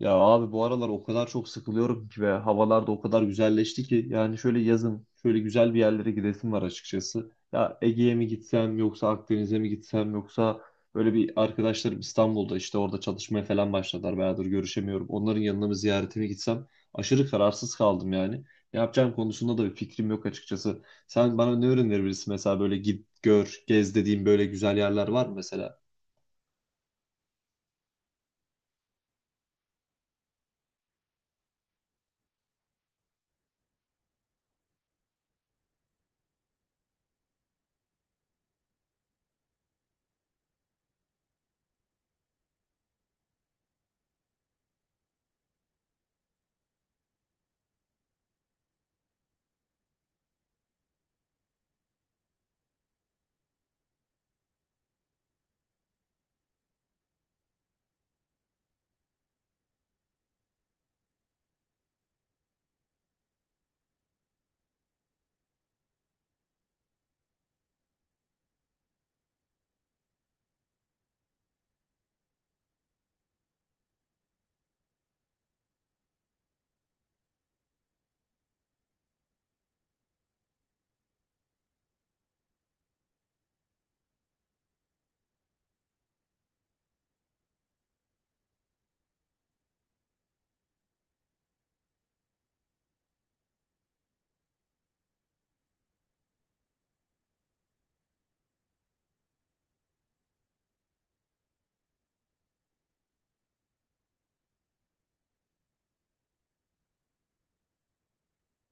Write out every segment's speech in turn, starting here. Ya abi bu aralar o kadar çok sıkılıyorum ki ve havalar da o kadar güzelleşti ki yani şöyle yazın şöyle güzel bir yerlere gidesim var açıkçası. Ya Ege'ye mi gitsem yoksa Akdeniz'e mi gitsem yoksa böyle bir arkadaşlarım İstanbul'da işte orada çalışmaya falan başladılar, bayağıdır görüşemiyorum. Onların yanına mı ziyarete mi gitsem, aşırı kararsız kaldım yani. Ne yapacağım konusunda da bir fikrim yok açıkçası. Sen bana ne önerebilirsin mesela, böyle git gör gez dediğim böyle güzel yerler var mı mesela?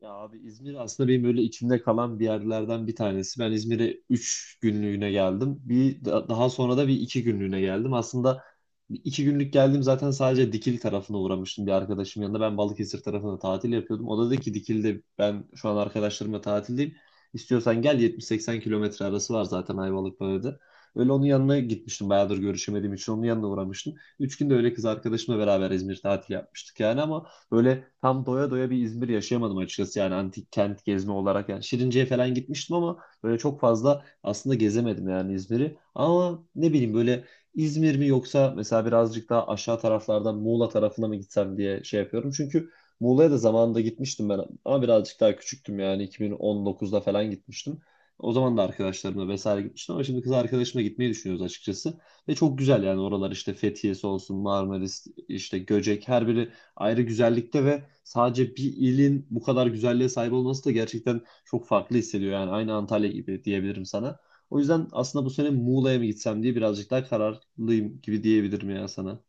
Ya abi, İzmir aslında benim böyle içimde kalan bir yerlerden bir tanesi. Ben İzmir'e 3 günlüğüne geldim. Bir daha sonra da 1-2 günlüğüne geldim. Aslında 1-2 günlük geldim, zaten sadece Dikili tarafına uğramıştım bir arkadaşım yanında. Ben Balıkesir tarafında tatil yapıyordum. O da dedi ki Dikili'de ben şu an arkadaşlarımla tatildeyim. İstiyorsan gel, 70-80 kilometre arası var zaten Ayvalık'ta. Öyle onun yanına gitmiştim. Bayağıdır görüşemediğim için onun yanına uğramıştım. 3 günde öyle kız arkadaşımla beraber İzmir tatili yapmıştık yani ama böyle tam doya doya bir İzmir yaşayamadım açıkçası yani antik kent gezme olarak. Yani Şirince'ye falan gitmiştim ama böyle çok fazla aslında gezemedim yani İzmir'i. Ama ne bileyim, böyle İzmir mi yoksa mesela birazcık daha aşağı taraflardan Muğla tarafına mı gitsem diye şey yapıyorum. Çünkü Muğla'ya da zamanında gitmiştim ben ama birazcık daha küçüktüm, yani 2019'da falan gitmiştim. O zaman da arkadaşlarımla vesaire gitmiştim ama şimdi kız arkadaşımla gitmeyi düşünüyoruz açıkçası. Ve çok güzel yani oralar, işte Fethiye'si olsun, Marmaris, işte Göcek, her biri ayrı güzellikte ve sadece bir ilin bu kadar güzelliğe sahip olması da gerçekten çok farklı hissediyor. Yani aynı Antalya gibi diyebilirim sana. O yüzden aslında bu sene Muğla'ya mı gitsem diye birazcık daha kararlıyım gibi diyebilirim ya sana.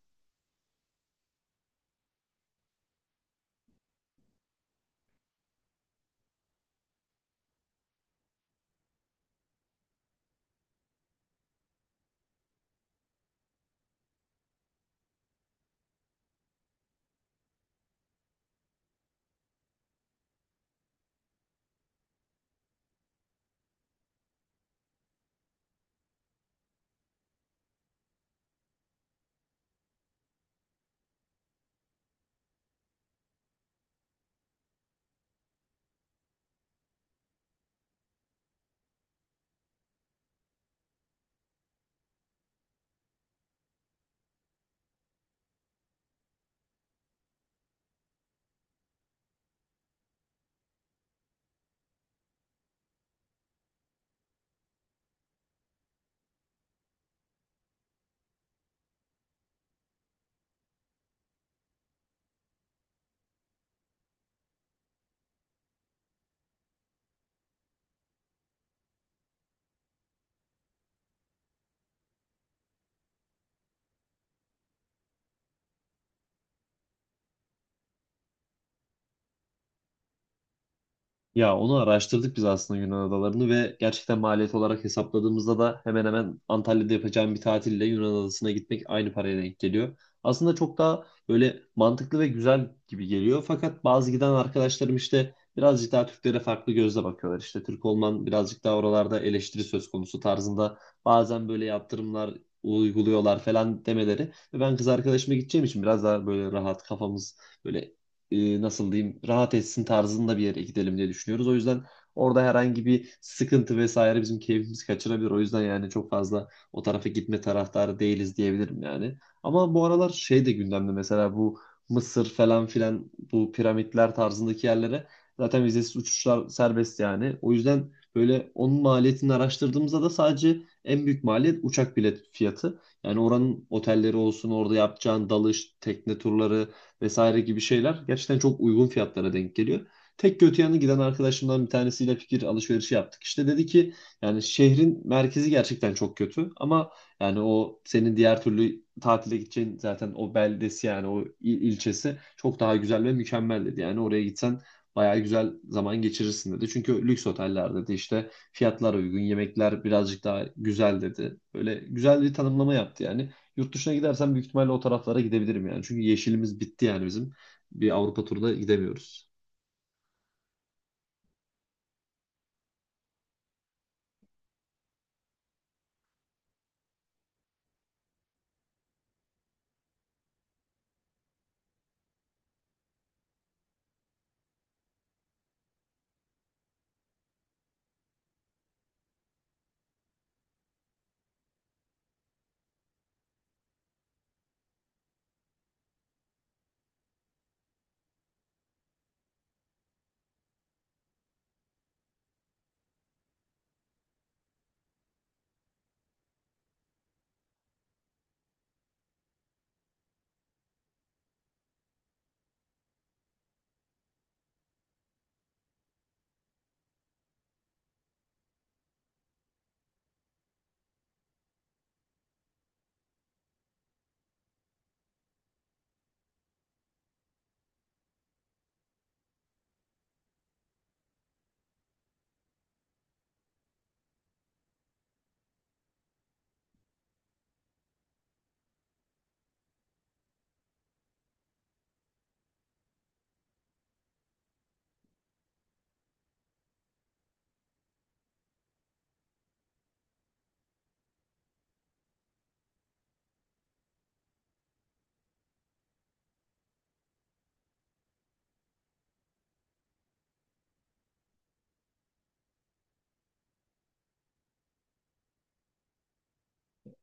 Ya onu araştırdık biz aslında Yunan adalarını ve gerçekten maliyet olarak hesapladığımızda da hemen hemen Antalya'da yapacağım bir tatille Yunan adasına gitmek aynı paraya denk geliyor. Aslında çok daha böyle mantıklı ve güzel gibi geliyor. Fakat bazı giden arkadaşlarım işte birazcık daha Türklere farklı gözle bakıyorlar. İşte Türk olman birazcık daha oralarda eleştiri söz konusu tarzında bazen böyle yaptırımlar uyguluyorlar falan demeleri. Ve ben kız arkadaşıma gideceğim için biraz daha böyle rahat kafamız böyle, nasıl diyeyim, rahat etsin tarzında bir yere gidelim diye düşünüyoruz. O yüzden orada herhangi bir sıkıntı vesaire bizim keyfimizi kaçırabilir. O yüzden yani çok fazla o tarafa gitme taraftarı değiliz diyebilirim yani. Ama bu aralar şey de gündemde, mesela bu Mısır falan filan, bu piramitler tarzındaki yerlere zaten vizesiz uçuşlar serbest yani. O yüzden böyle onun maliyetini araştırdığımızda da sadece en büyük maliyet uçak bilet fiyatı. Yani oranın otelleri olsun, orada yapacağın dalış, tekne turları, vesaire gibi şeyler gerçekten çok uygun fiyatlara denk geliyor. Tek kötü yanı, giden arkadaşımdan bir tanesiyle fikir alışverişi yaptık. İşte dedi ki yani şehrin merkezi gerçekten çok kötü ama yani o senin diğer türlü tatile gideceğin zaten o beldesi yani o ilçesi çok daha güzel ve mükemmel dedi. Yani oraya gitsen bayağı güzel zaman geçirirsin dedi. Çünkü lüks oteller dedi, işte fiyatlar uygun, yemekler birazcık daha güzel dedi. Böyle güzel bir tanımlama yaptı yani. Yurt dışına gidersem büyük ihtimalle o taraflara gidebilirim yani. Çünkü yeşilimiz bitti yani bizim. Bir Avrupa turuna gidemiyoruz.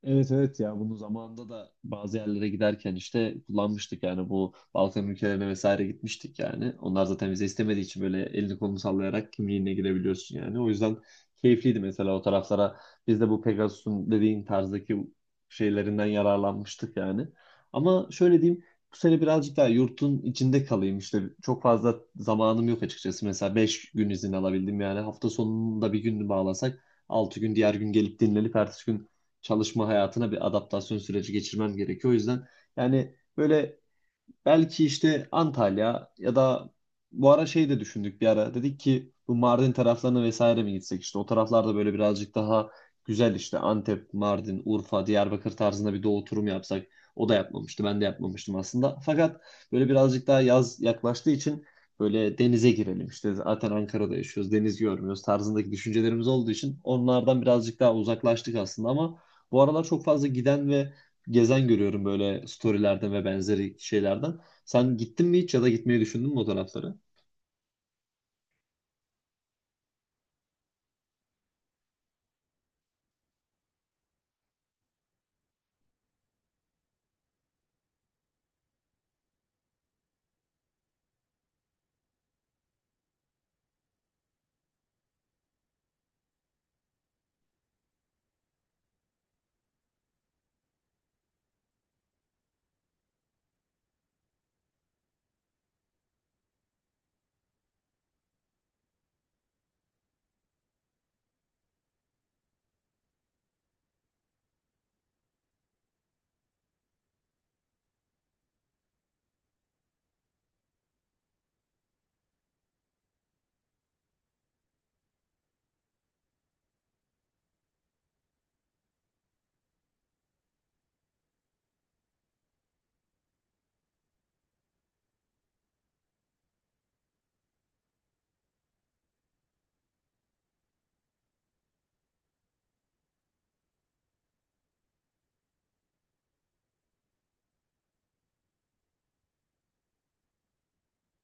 Evet evet, ya bunu zamanında da bazı yerlere giderken işte kullanmıştık yani, bu Balkan ülkelerine vesaire gitmiştik yani. Onlar zaten vize istemediği için böyle elini kolunu sallayarak kimliğine girebiliyorsun yani. O yüzden keyifliydi mesela o taraflara. Biz de bu Pegasus'un dediğin tarzdaki şeylerinden yararlanmıştık yani. Ama şöyle diyeyim, bu sene birazcık daha yurtun içinde kalayım, işte çok fazla zamanım yok açıkçası. Mesela 5 gün izin alabildim yani, hafta sonunda bir gününü bağlasak 6 gün, diğer gün gelip dinlenip ertesi gün çalışma hayatına bir adaptasyon süreci geçirmen gerekiyor. O yüzden yani böyle belki işte Antalya ya da bu ara şey de düşündük bir ara. Dedik ki bu Mardin taraflarına vesaire mi gitsek, işte o taraflarda böyle birazcık daha güzel, işte Antep, Mardin, Urfa, Diyarbakır tarzında bir doğu turu mu yapsak. O da yapmamıştı. Ben de yapmamıştım aslında. Fakat böyle birazcık daha yaz yaklaştığı için böyle denize girelim işte, zaten Ankara'da yaşıyoruz, deniz görmüyoruz tarzındaki düşüncelerimiz olduğu için onlardan birazcık daha uzaklaştık aslında. Ama bu aralar çok fazla giden ve gezen görüyorum böyle storylerde ve benzeri şeylerden. Sen gittin mi hiç ya da gitmeyi düşündün mü o taraflara?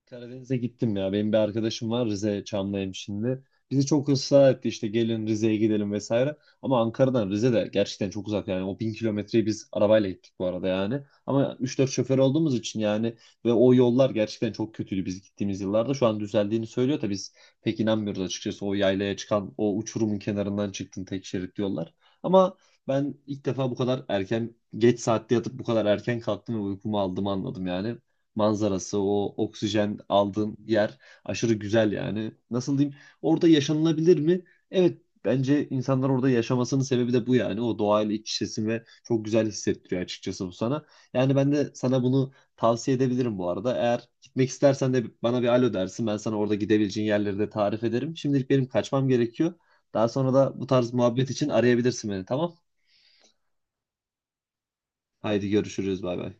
Karadeniz'e gittim ya. Benim bir arkadaşım var Rize Çamlıhemşinli. Bizi çok ısrar etti, işte gelin Rize'ye gidelim vesaire. Ama Ankara'dan Rize de gerçekten çok uzak yani. O 1000 kilometreyi biz arabayla gittik bu arada yani. Ama 3-4 şoför olduğumuz için yani, ve o yollar gerçekten çok kötüydü biz gittiğimiz yıllarda. Şu an düzeldiğini söylüyor da biz pek inanmıyoruz açıkçası. O yaylaya çıkan o uçurumun kenarından çıktın, tek şerit yollar. Ama ben ilk defa bu kadar erken, geç saatte yatıp bu kadar erken kalktım ve uykumu aldığımı anladım yani. Manzarası, o oksijen aldığın yer aşırı güzel yani. Nasıl diyeyim? Orada yaşanılabilir mi? Evet, bence insanlar orada yaşamasının sebebi de bu yani. O doğayla iç içesin ve çok güzel hissettiriyor açıkçası bu sana. Yani ben de sana bunu tavsiye edebilirim bu arada. Eğer gitmek istersen de bana bir alo dersin. Ben sana orada gidebileceğin yerleri de tarif ederim. Şimdilik benim kaçmam gerekiyor. Daha sonra da bu tarz muhabbet için arayabilirsin beni, tamam? Haydi görüşürüz, bay bay.